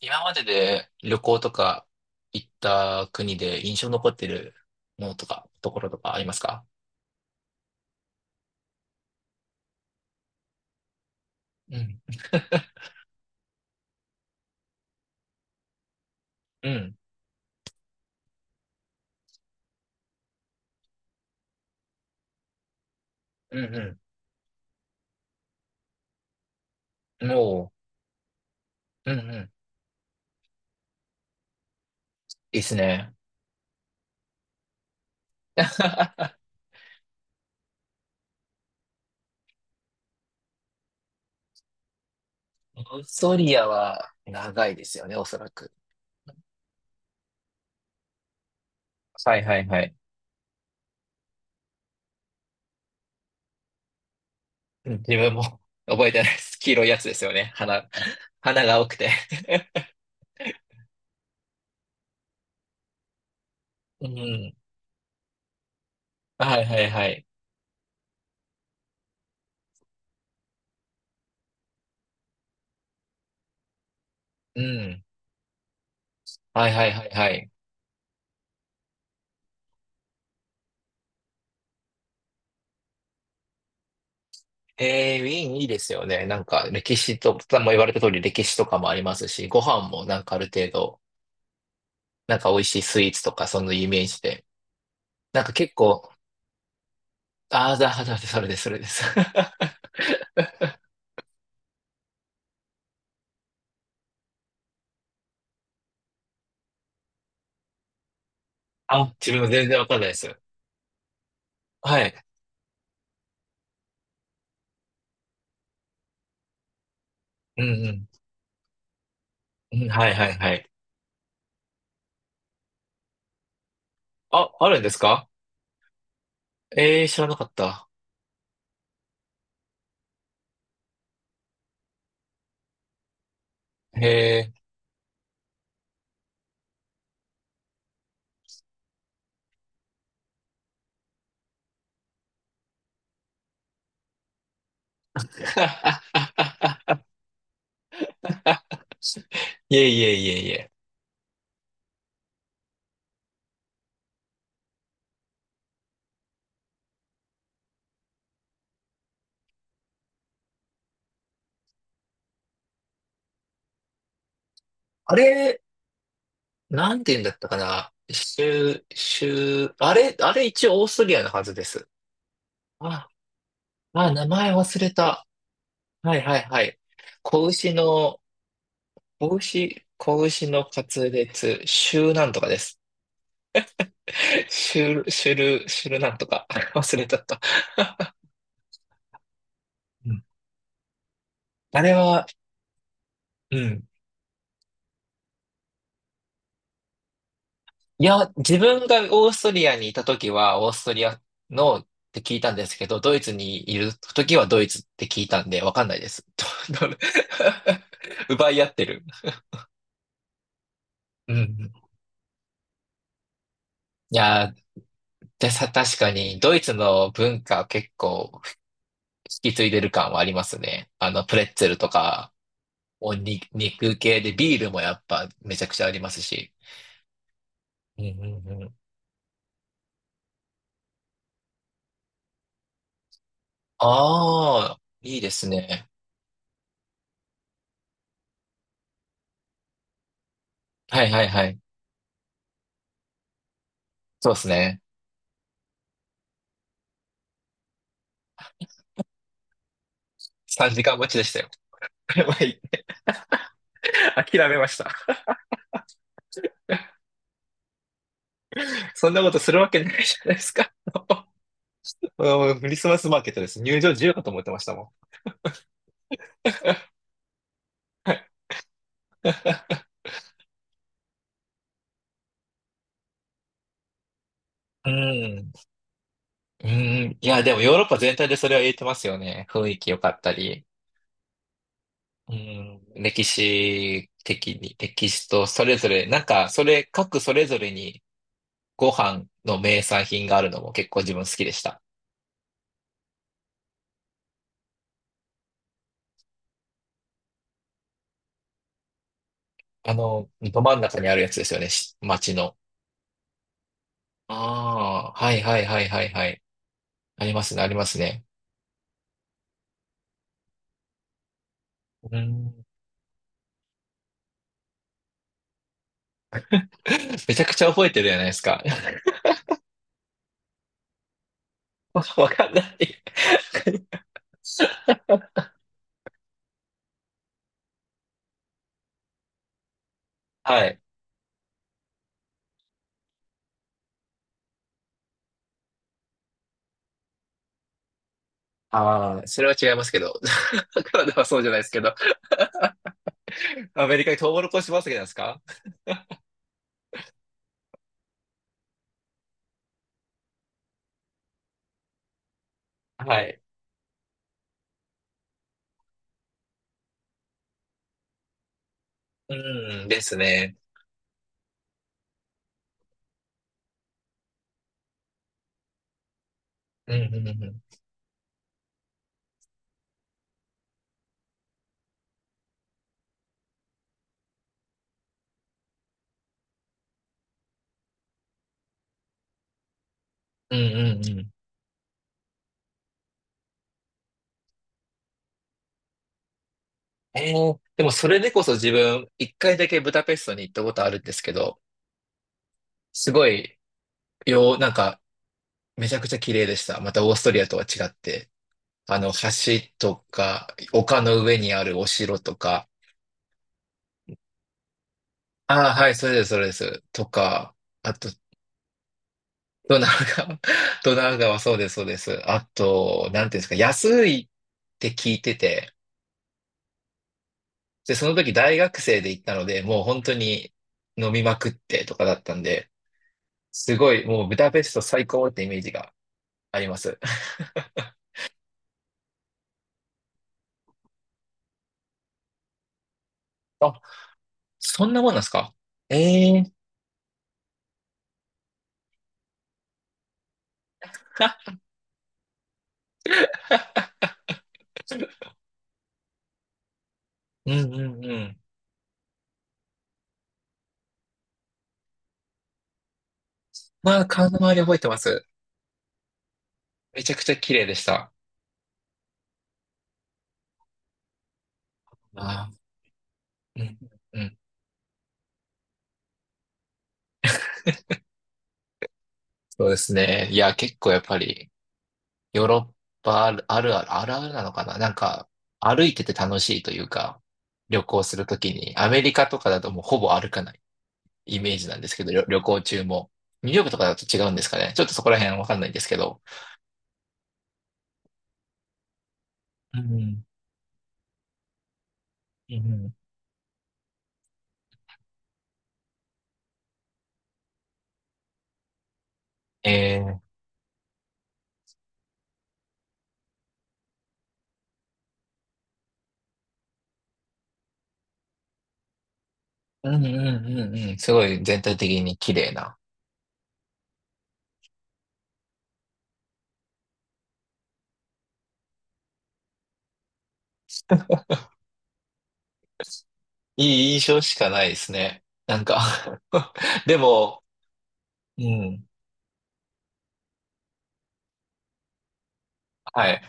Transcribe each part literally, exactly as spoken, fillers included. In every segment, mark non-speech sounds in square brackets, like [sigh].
今までで旅行とか行った国で印象に残ってるものとか、ところとかありますか？うん。うん。うんうん。もう、うんうん。いいっすね。[laughs] オーストリアは長いですよね、おそらく。はいはいはい。うん、自分も [laughs] 覚えてないです。黄色いやつですよね。花、花が多くて [laughs] うん。はいはいはい。うん。はいはいはいはい。えー、ウィーンいいですよね。なんか歴史と、もう言われた通り歴史とかもありますし、ご飯もなんかある程度、なんか美味しいスイーツとかそのイメージで。なんか結構、ああ、だ、だ、だ、それです、それです。[laughs] あ、自分も全然わかんないです。はい。うんうん。うん、はいはいはい。あ、あるんですか？えー、知らなかった。へえ。[laughs] いえいえいえいえ。あれ、なんて言うんだったかな。州、州、あれ、あれ一応オーストリアのはずです。あ、あ、名前忘れた。はいはいはい。子牛の、子牛、子牛の滑裂、シューなんとかです。[laughs] シュル、シュル、シュルなんとか。[laughs] 忘れちゃった。[laughs] うん、あれは、うん。いや、自分がオーストリアにいた時は、オーストリアのって聞いたんですけど、ドイツにいる時はドイツって聞いたんで、わかんないです。どど [laughs] 奪い合ってる。うん。いやー、でさ、確かに、ドイツの文化結構引き継いでる感はありますね。あの、プレッツェルとか、おに、肉系でビールもやっぱめちゃくちゃありますし。うんうんうん。ああ、いいですね。はいはいはい。そうですね。さんじかん待ちでしたよ。[laughs] やい。諦めました。そんなことするわけないじゃないですか。[laughs] うん、クリスマスマーケットです。入場自由かと思ってましたもん。うん。うん。いや、でもヨーロッパ全体でそれは言えてますよね。雰囲気良かったり。うん、歴史的に、歴史とそれぞれ、なんか、それ、各それぞれにご飯の名産品があるのも結構自分好きでした。あの、ど真ん中にあるやつですよね、し町の。ああ、はいはいはいはいはい。ありますね、ありますね。うん、[laughs] めちゃくちゃ覚えてるじゃないですか。[laughs] わかんない。はい。ああ、それは違いますけど。[laughs] カナダはそうじゃないですけど。アメリカにトウモロコシ畑なんですか？はい。うん、ですね。うん、うん、うん。うんうんうん。えーでもそれでこそ自分、一回だけブダペストに行ったことあるんですけど、すごい、よう、なんか、めちゃくちゃ綺麗でした。またオーストリアとは違って、あの、橋とか、丘の上にあるお城とか、ああ、はい、それです、それです。とか、あと、ドナウ川、[laughs] ドナウ川、そうです、そうです。あと、なんていうんですか、安いって聞いてて、で、その時大学生で行ったので、もう本当に飲みまくってとかだったんで、すごい、もうブダペスト最高ってイメージがあります。[laughs] あ、そんなもんなんですか？ええー [laughs] うんうんうん。まあ、顔の周り覚えてます。めちゃくちゃ綺麗でした。あー、うんうんうん。そうですね。いや、結構やっぱり、ヨーロッパあるあるある、あるあるなのかななんか、歩いてて楽しいというか、旅行するときに、アメリカとかだともうほぼ歩かないイメージなんですけど、旅、旅行中も。ニューヨークとかだと違うんですかね。ちょっとそこら辺わかんないんですけど。うんうんうん。えー、うんうんうんうん。すごい全体的に綺麗な。いい印象しかないですね。なんか [laughs] でも、うん。はい。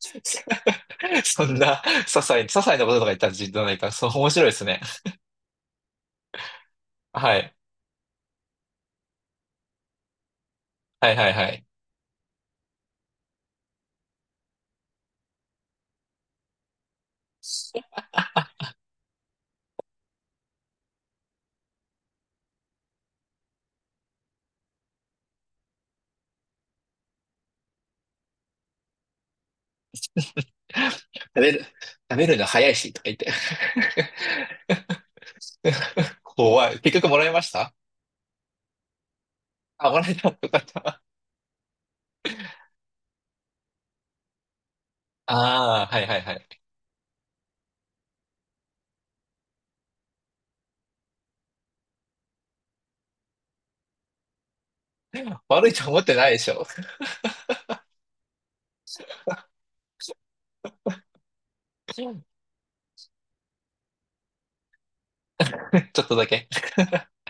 [laughs] そんな、些細、些細なこととか言ったらじゃないから、そう、面白いですね。はい。はいはいはい。食べる、食べるの早いし、とか言って。[laughs] 怖い。結局もらいました？あ、もらえた。よかった。ああ、はいはいはい。悪いと思ってないでしょ。[laughs] ちょっとだけ。[laughs]